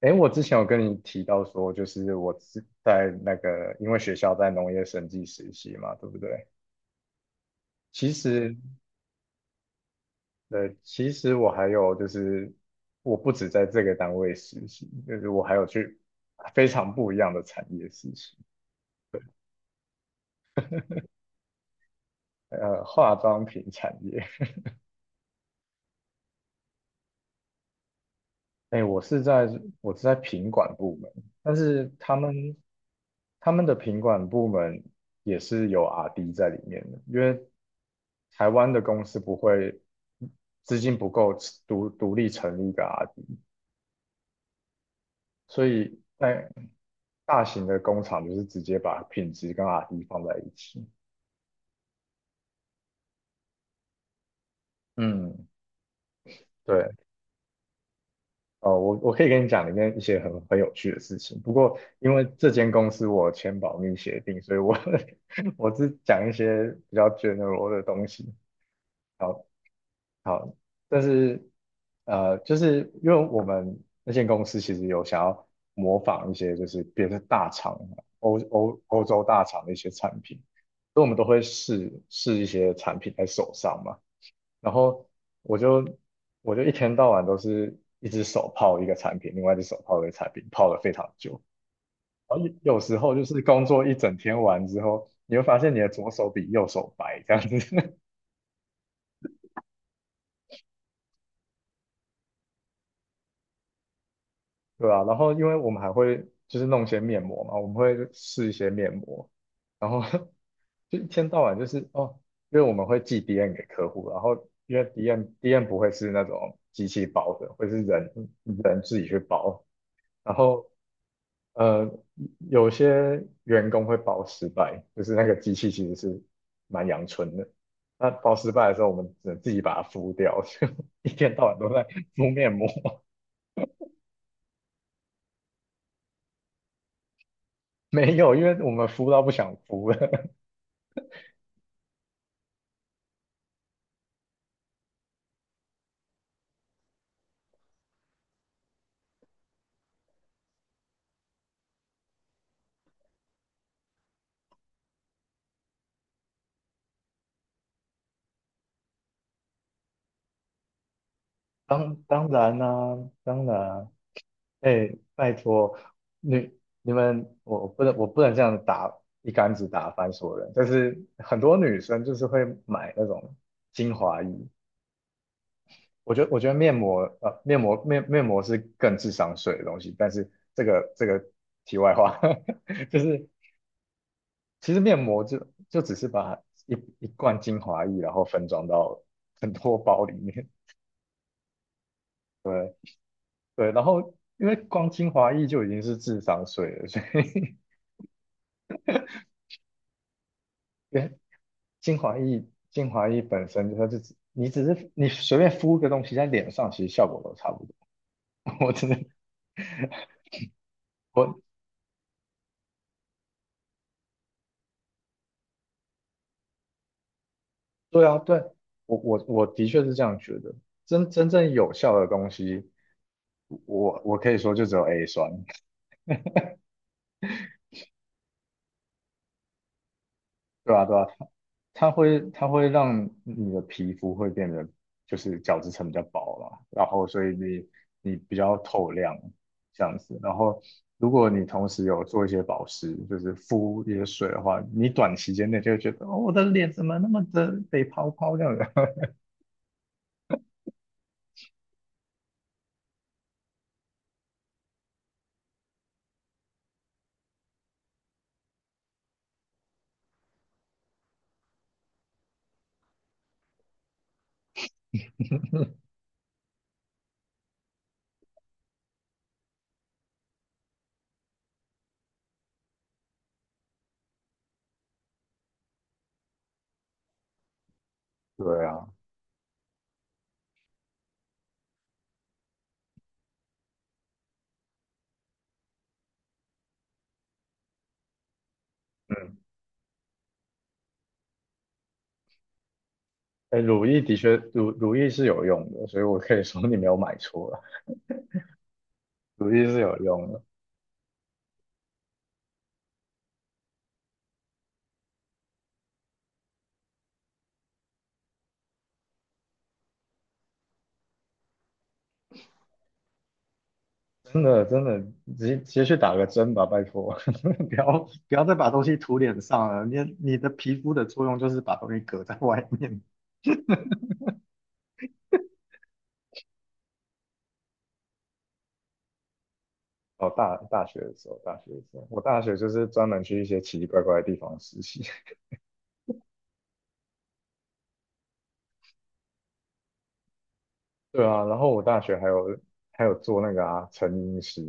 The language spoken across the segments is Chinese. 诶，我之前有跟你提到说，就是我是在那个，因为学校在农业审计实习嘛，对不对？其实，其实我还有就是，我不止在这个单位实习，就是我还有去非常不一样的产业实习，呃，化妆品产业。哎，我是在品管部门，但是他们的品管部门也是有 R&D 在里面的，因为台湾的公司不会资金不够独立成立一个 RD，所以那大型的工厂就是直接把品质跟 RD 放在一起。嗯，对，哦，我可以跟你讲里面一些很有趣的事情，不过因为这间公司我签保密协定，所以我 我只讲一些比较 general 的东西。好，好，但是就是因为我们那间公司其实有想要模仿一些就是别的大厂，欧洲大厂的一些产品，所以我们都会试试一些产品在手上嘛。然后我就我就一天到晚都是一只手泡一个产品，另外一只手泡一个产品，泡了非常久。然后有时候就是工作一整天完之后，你会发现你的左手比右手白这样子。对啊，然后因为我们还会就是弄一些面膜嘛，我们会试一些面膜，然后 就一天到晚就是哦，因为我们会寄 DM 给客户，然后因为 DM 不会是那种机器包的，会是人，然后呃有些员工会包失败，就是那个机器其实是蛮阳春的，那包失败的时候我们只能自己把它敷掉，就一天到晚都在敷面膜。没有，因为我们敷到不想敷了。当然啦、当然啊，哎、拜托，你你们，我不能这样打一竿子打翻所有人，但是很多女生就是会买那种精华液，我觉得面膜是更智商税的东西，但是这个题外话。就是其实面膜就只是把一一罐精华液然后分装到很多包里面。对。对，然后因为光精华液就已经是智商税了，所以 因为精华液精华液本身它就只你只是你随便敷个东西在脸上，其实效果都差不多。我真的我对啊，对，我的确是这样觉得。真正有效的东西，我可以说就只有 A 酸。对啊，对啊，它会让你的皮肤会变得就是角质层比较薄嘛，然后所以你比较透亮这样子。然后如果你同时有做一些保湿，就是敷一些水的话，你短时间内就会觉得哦，我的脸怎么那么的被泡泡这样子。对啊，嗯，哎，乳液的确乳乳液是有用的，所以我可以说你没有买错了，乳液是有用的。真的真的，直接去打个针吧，拜托。不要不要再把东西涂脸上了。你的皮肤的作用就是把东西隔在外面。哦，大学的时候，我大学就是专门去一些奇奇怪怪的地方实习。对啊，然后我大学还有做那个啊，成音师，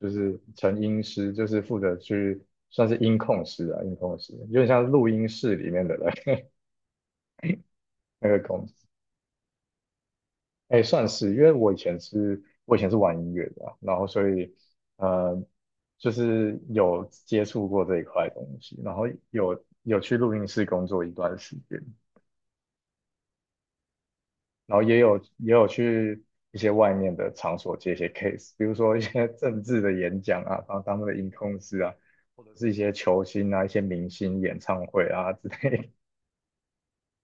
就是成音师，就是负责去算是音控师，有点像录音室里面的人 那个工司。哎，算是，因为我以前是玩音乐的啊然后所以，呃，就是有接触过这一块东西，然后有去录音室工作一段时间，然后也有去一些外面的场所接一些 case，比如说一些 政治的演讲啊，然后当那个音控师啊，或者是一些球星啊、一些明星演唱会啊之类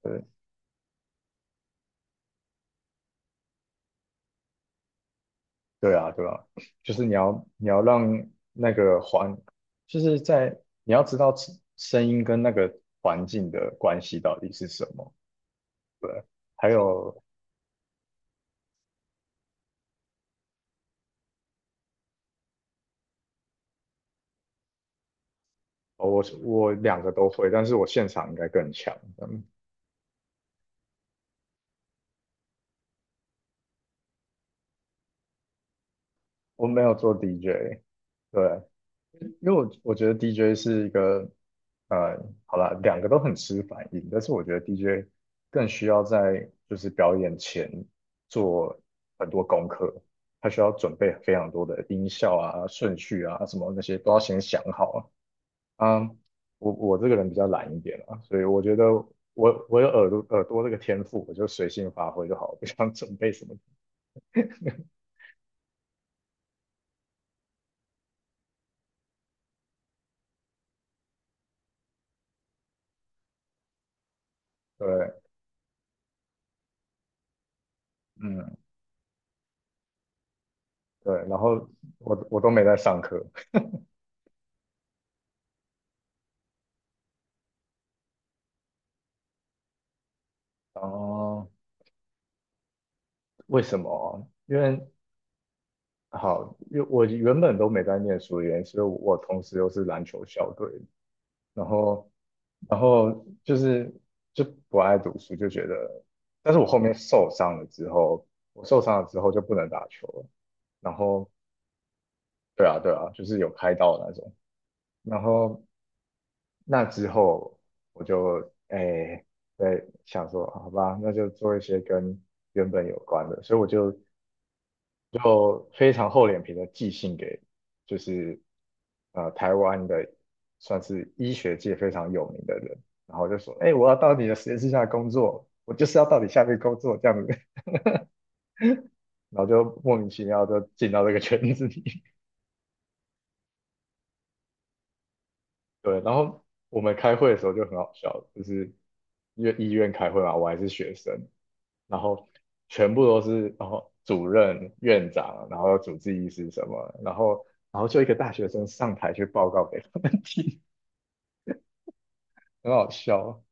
的。对啊，对啊，就是你要你要让那个环，就是在你要知道声音跟那个环境的关系到底是什么。对，还有哦我两个都会，但是我现场应该更强。嗯我没有做 DJ，对，因为我觉得 DJ 是一个，呃，好啦，两个都很吃反应，但是我觉得 DJ 更需要在就是表演前做很多功课，他需要准备非常多的音效啊、顺序啊什么那些都要先想好啊。嗯，我这个人比较懒一点啊，所以我觉得我有耳朵这个天赋，我就随性发挥就好，不想准备什么。对，嗯。对，然后我都没在上课。哦，为什么？因为好，因为我原本都没在念书的原因，所以我同时又是篮球校队，然后然后就是就不爱读书，就觉得，但是我后面受伤了之后，我受伤了之后就不能打球了。然后对啊对啊，就是有开刀的那种。然后那之后我就哎对，想说，好吧，那就做一些跟原本有关的，所以我就非常厚脸皮的寄信给，就是台湾的算是医学界非常有名的人，然后就说，哎、我要到你的实验室下工作，我就是要到你下面工作这样子。然后就莫名其妙就进到这个圈子里。对，然后我们开会的时候就很好笑，就是因为医院开会嘛，我还是学生，然后全部都是然后主任、院长，然后主治医师什么，然后就一个大学生上台去报告给他们听。很好笑。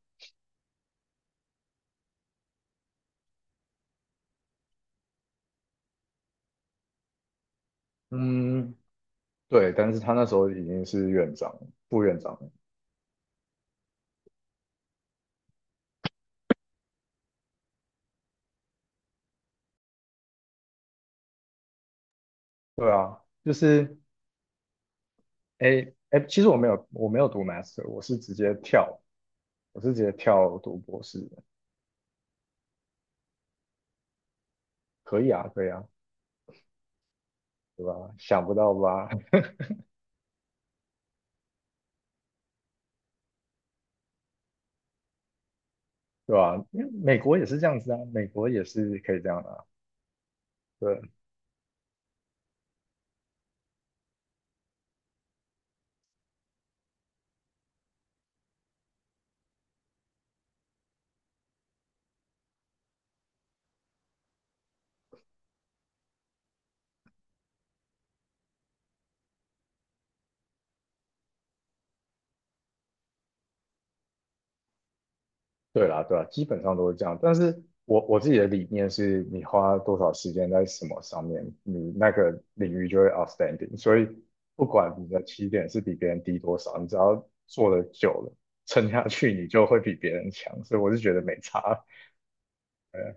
嗯，对，但是他那时候已经是院长、副院长了。对啊，就是诶诶，其实我没有读 master，我是直接跳读博士的，可以啊，可以啊，对吧？想不到吧？对吧？因为美国也是这样子啊，美国也是可以这样的啊。对，对啦，对啦，基本上都是这样。但是我自己的理念是，你花多少时间在什么上面，你那个领域就会 outstanding。所以不管你的起点是比别人低多少，你只要做的久了，撑下去，你就会比别人强。所以我是觉得没差。呃，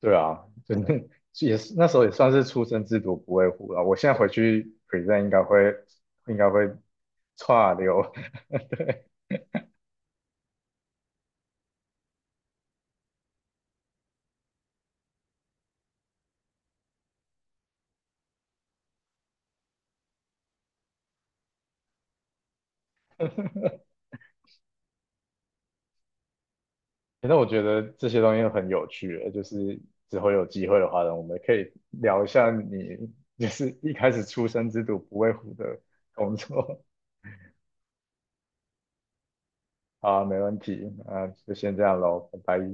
对啊，真的也是那时候也算是初生之犊不畏虎了。我现在回去 present 应该会差流。反正我觉得这些东西很有趣，就是之后有机会的话呢，我们可以聊一下你就是一开始出生之犊不畏虎的工作。好啊没问题，那就先这样喽，拜拜。